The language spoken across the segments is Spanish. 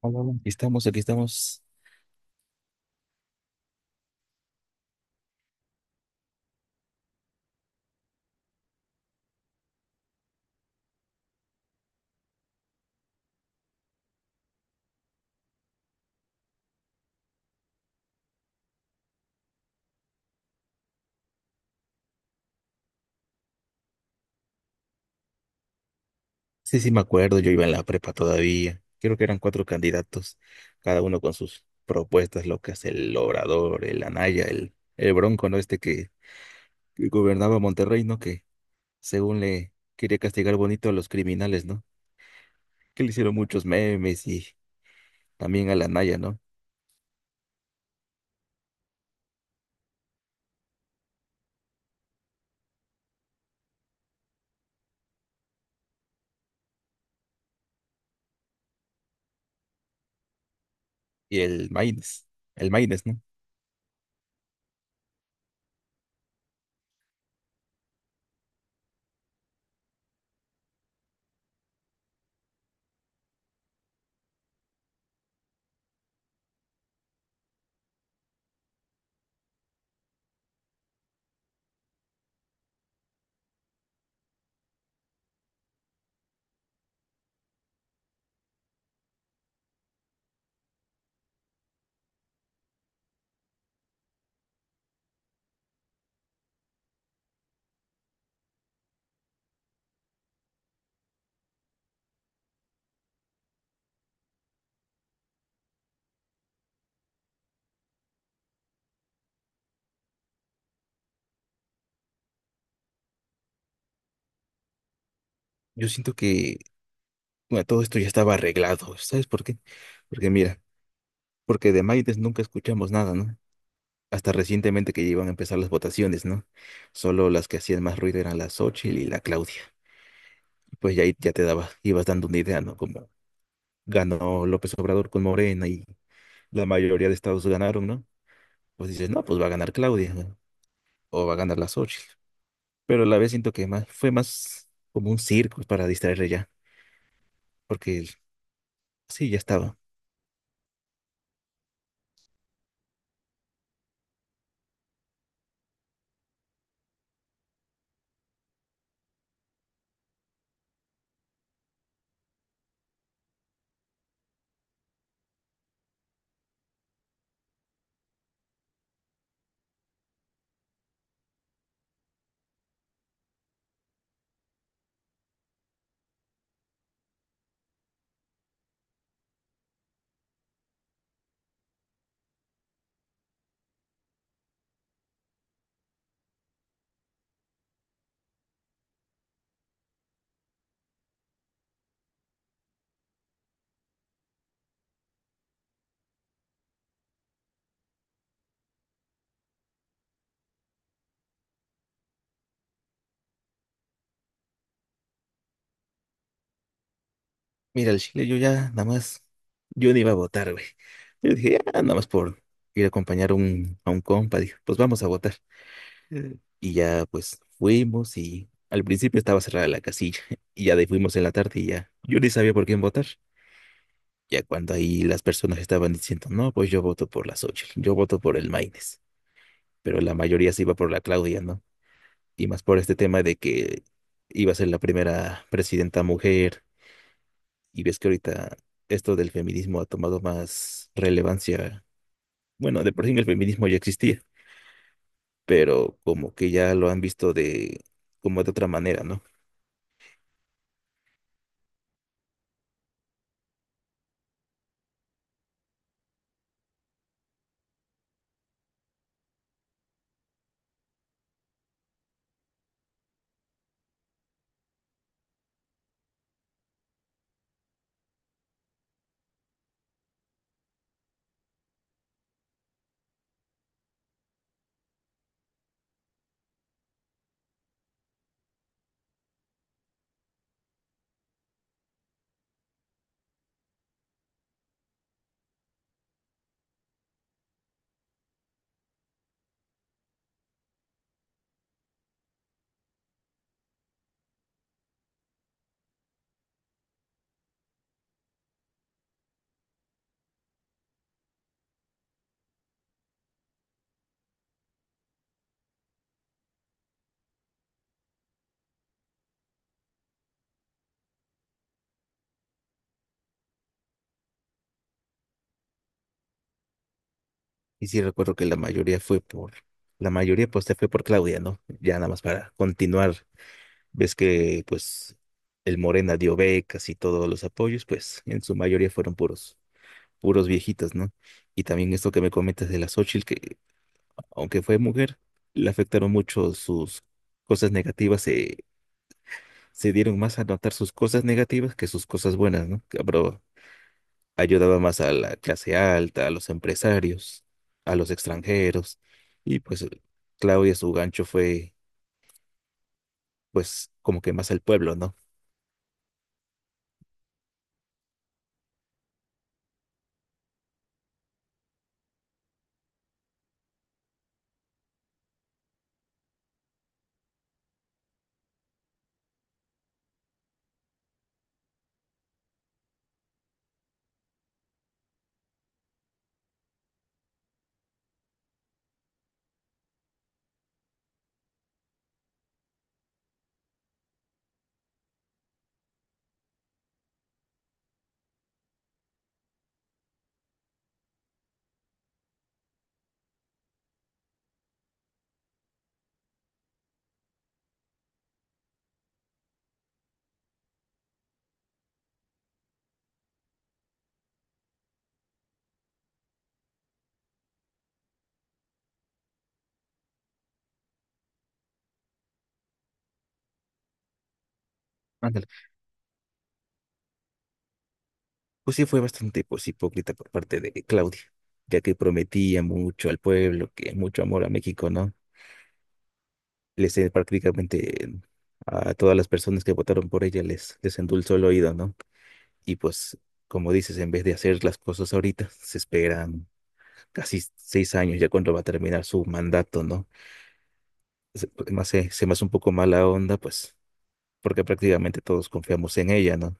Hola, hola. Aquí estamos, aquí estamos. Sí, sí, me acuerdo, yo iba en la prepa todavía. Creo que eran cuatro candidatos, cada uno con sus propuestas locas, el Obrador, el Anaya, el Bronco, ¿no? Este que gobernaba Monterrey, ¿no? Que según le quería castigar bonito a los criminales, ¿no? Que le hicieron muchos memes y también al Anaya, ¿no? Y el Maines, ¿no? Yo siento que, bueno, todo esto ya estaba arreglado, ¿sabes por qué? Porque mira, porque de Maines nunca escuchamos nada, ¿no? Hasta recientemente que ya iban a empezar las votaciones, ¿no? Solo las que hacían más ruido eran la Xochitl y la Claudia. Pues ya, ahí ya te daba, ibas dando una idea, ¿no? Como ganó López Obrador con Morena y la mayoría de estados ganaron, ¿no? Pues dices, no, pues va a ganar Claudia, ¿no? O va a ganar la Xochitl. Pero a la vez siento que más, fue más como un circo para distraerle ya, porque el- sí, ya estaba. Mira, el Chile yo ya nada más, yo no iba a votar, güey. Yo dije, ya, nada más por ir a acompañar a a un compa, dije, pues vamos a votar. Y ya pues fuimos y al principio estaba cerrada la casilla y ya de ahí fuimos en la tarde y ya yo ni sabía por quién votar. Ya cuando ahí las personas estaban diciendo, no, pues yo voto por la Xochitl, yo voto por el Maines, pero la mayoría se iba por la Claudia, ¿no? Y más por este tema de que iba a ser la primera presidenta mujer y ves que ahorita esto del feminismo ha tomado más relevancia. Bueno, de por sí el feminismo ya existía, pero como que ya lo han visto de como de otra manera, ¿no? Y sí recuerdo que la mayoría pues se fue por Claudia, ¿no? Ya nada más para continuar. Ves que pues el Morena dio becas y todos los apoyos, pues en su mayoría fueron puros, puros viejitas, ¿no? Y también esto que me comentas de la Xochitl, que aunque fue mujer, le afectaron mucho sus cosas negativas, se dieron más a notar sus cosas negativas que sus cosas buenas, ¿no? Que, pero ayudaba más a la clase alta, a los empresarios, a los extranjeros, y pues Claudia su gancho fue pues como que más al pueblo, ¿no? Ándale. Pues sí fue bastante pues hipócrita por parte de Claudia, ya que prometía mucho al pueblo, que mucho amor a México, ¿no? Les prácticamente a todas las personas que votaron por ella les endulzó el oído, ¿no? Y pues como dices, en vez de hacer las cosas ahorita, se esperan casi 6 años ya cuando va a terminar su mandato, ¿no? Pues, no sé, se me hace un poco mala onda, pues, porque prácticamente todos confiamos en ella, ¿no?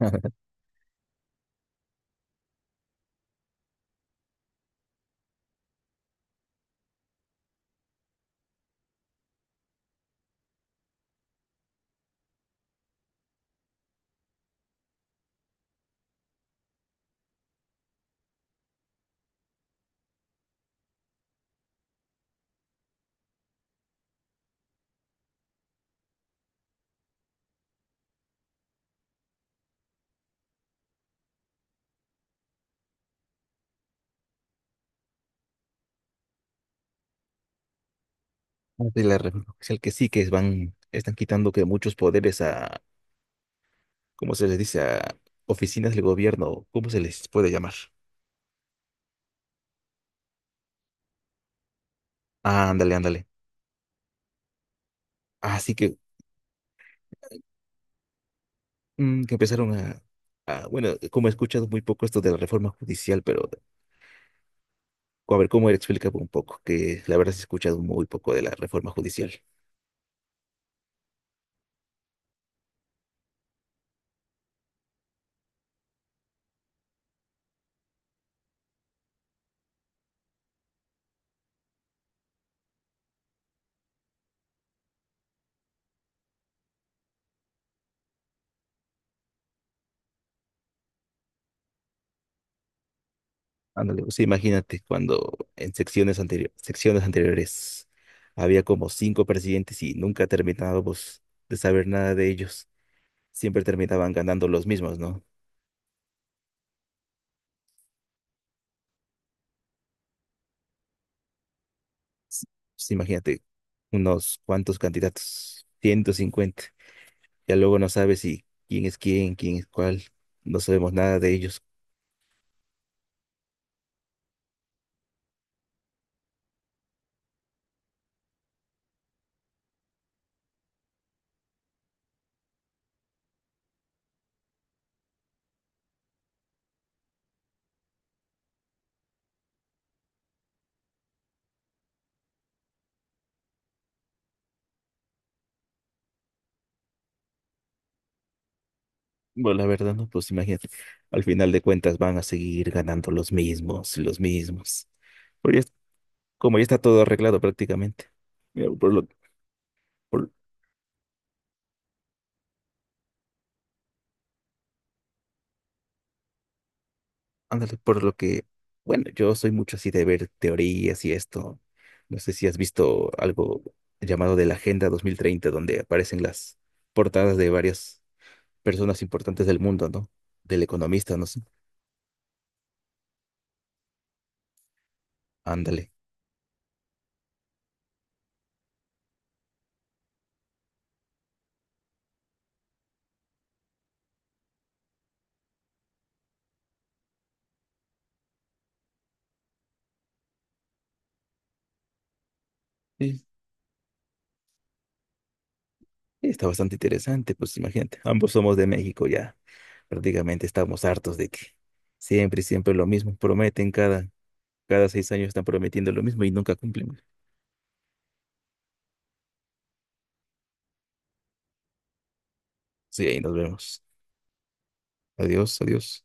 De la República Oficial que sí, que van, están quitando que muchos poderes a, ¿cómo se les dice? A oficinas del gobierno, ¿cómo se les puede llamar? Ah, ándale, ándale. Así que, que empezaron a, bueno, como he escuchado muy poco esto de la reforma judicial, pero a ver, ¿cómo explica un poco? Que la verdad sí he escuchado muy poco de la reforma judicial. Ándale, pues sí, imagínate cuando en secciones anteriores había como cinco presidentes y nunca terminábamos de saber nada de ellos. Siempre terminaban ganando los mismos, ¿no? S- Pues imagínate unos cuantos candidatos, 150. Ya luego no sabes si quién es quién, quién es cuál. No sabemos nada de ellos. Bueno, la verdad, ¿no? Pues imagínate, al final de cuentas van a seguir ganando los mismos, los mismos. Pero ya- como ya está todo arreglado prácticamente. Mira, Por, ándale, por lo que, bueno, yo soy mucho así de ver teorías y esto. No sé si has visto algo llamado de la Agenda 2030, donde aparecen las portadas de varias personas importantes del mundo, ¿no? Del economista, no sé. Ándale. Sí, está bastante interesante, pues imagínate. Ambos somos de México ya. Prácticamente estamos hartos de que siempre, siempre lo mismo. Prometen cada 6 años están prometiendo lo mismo y nunca cumplen. Sí, ahí nos vemos. Adiós, adiós.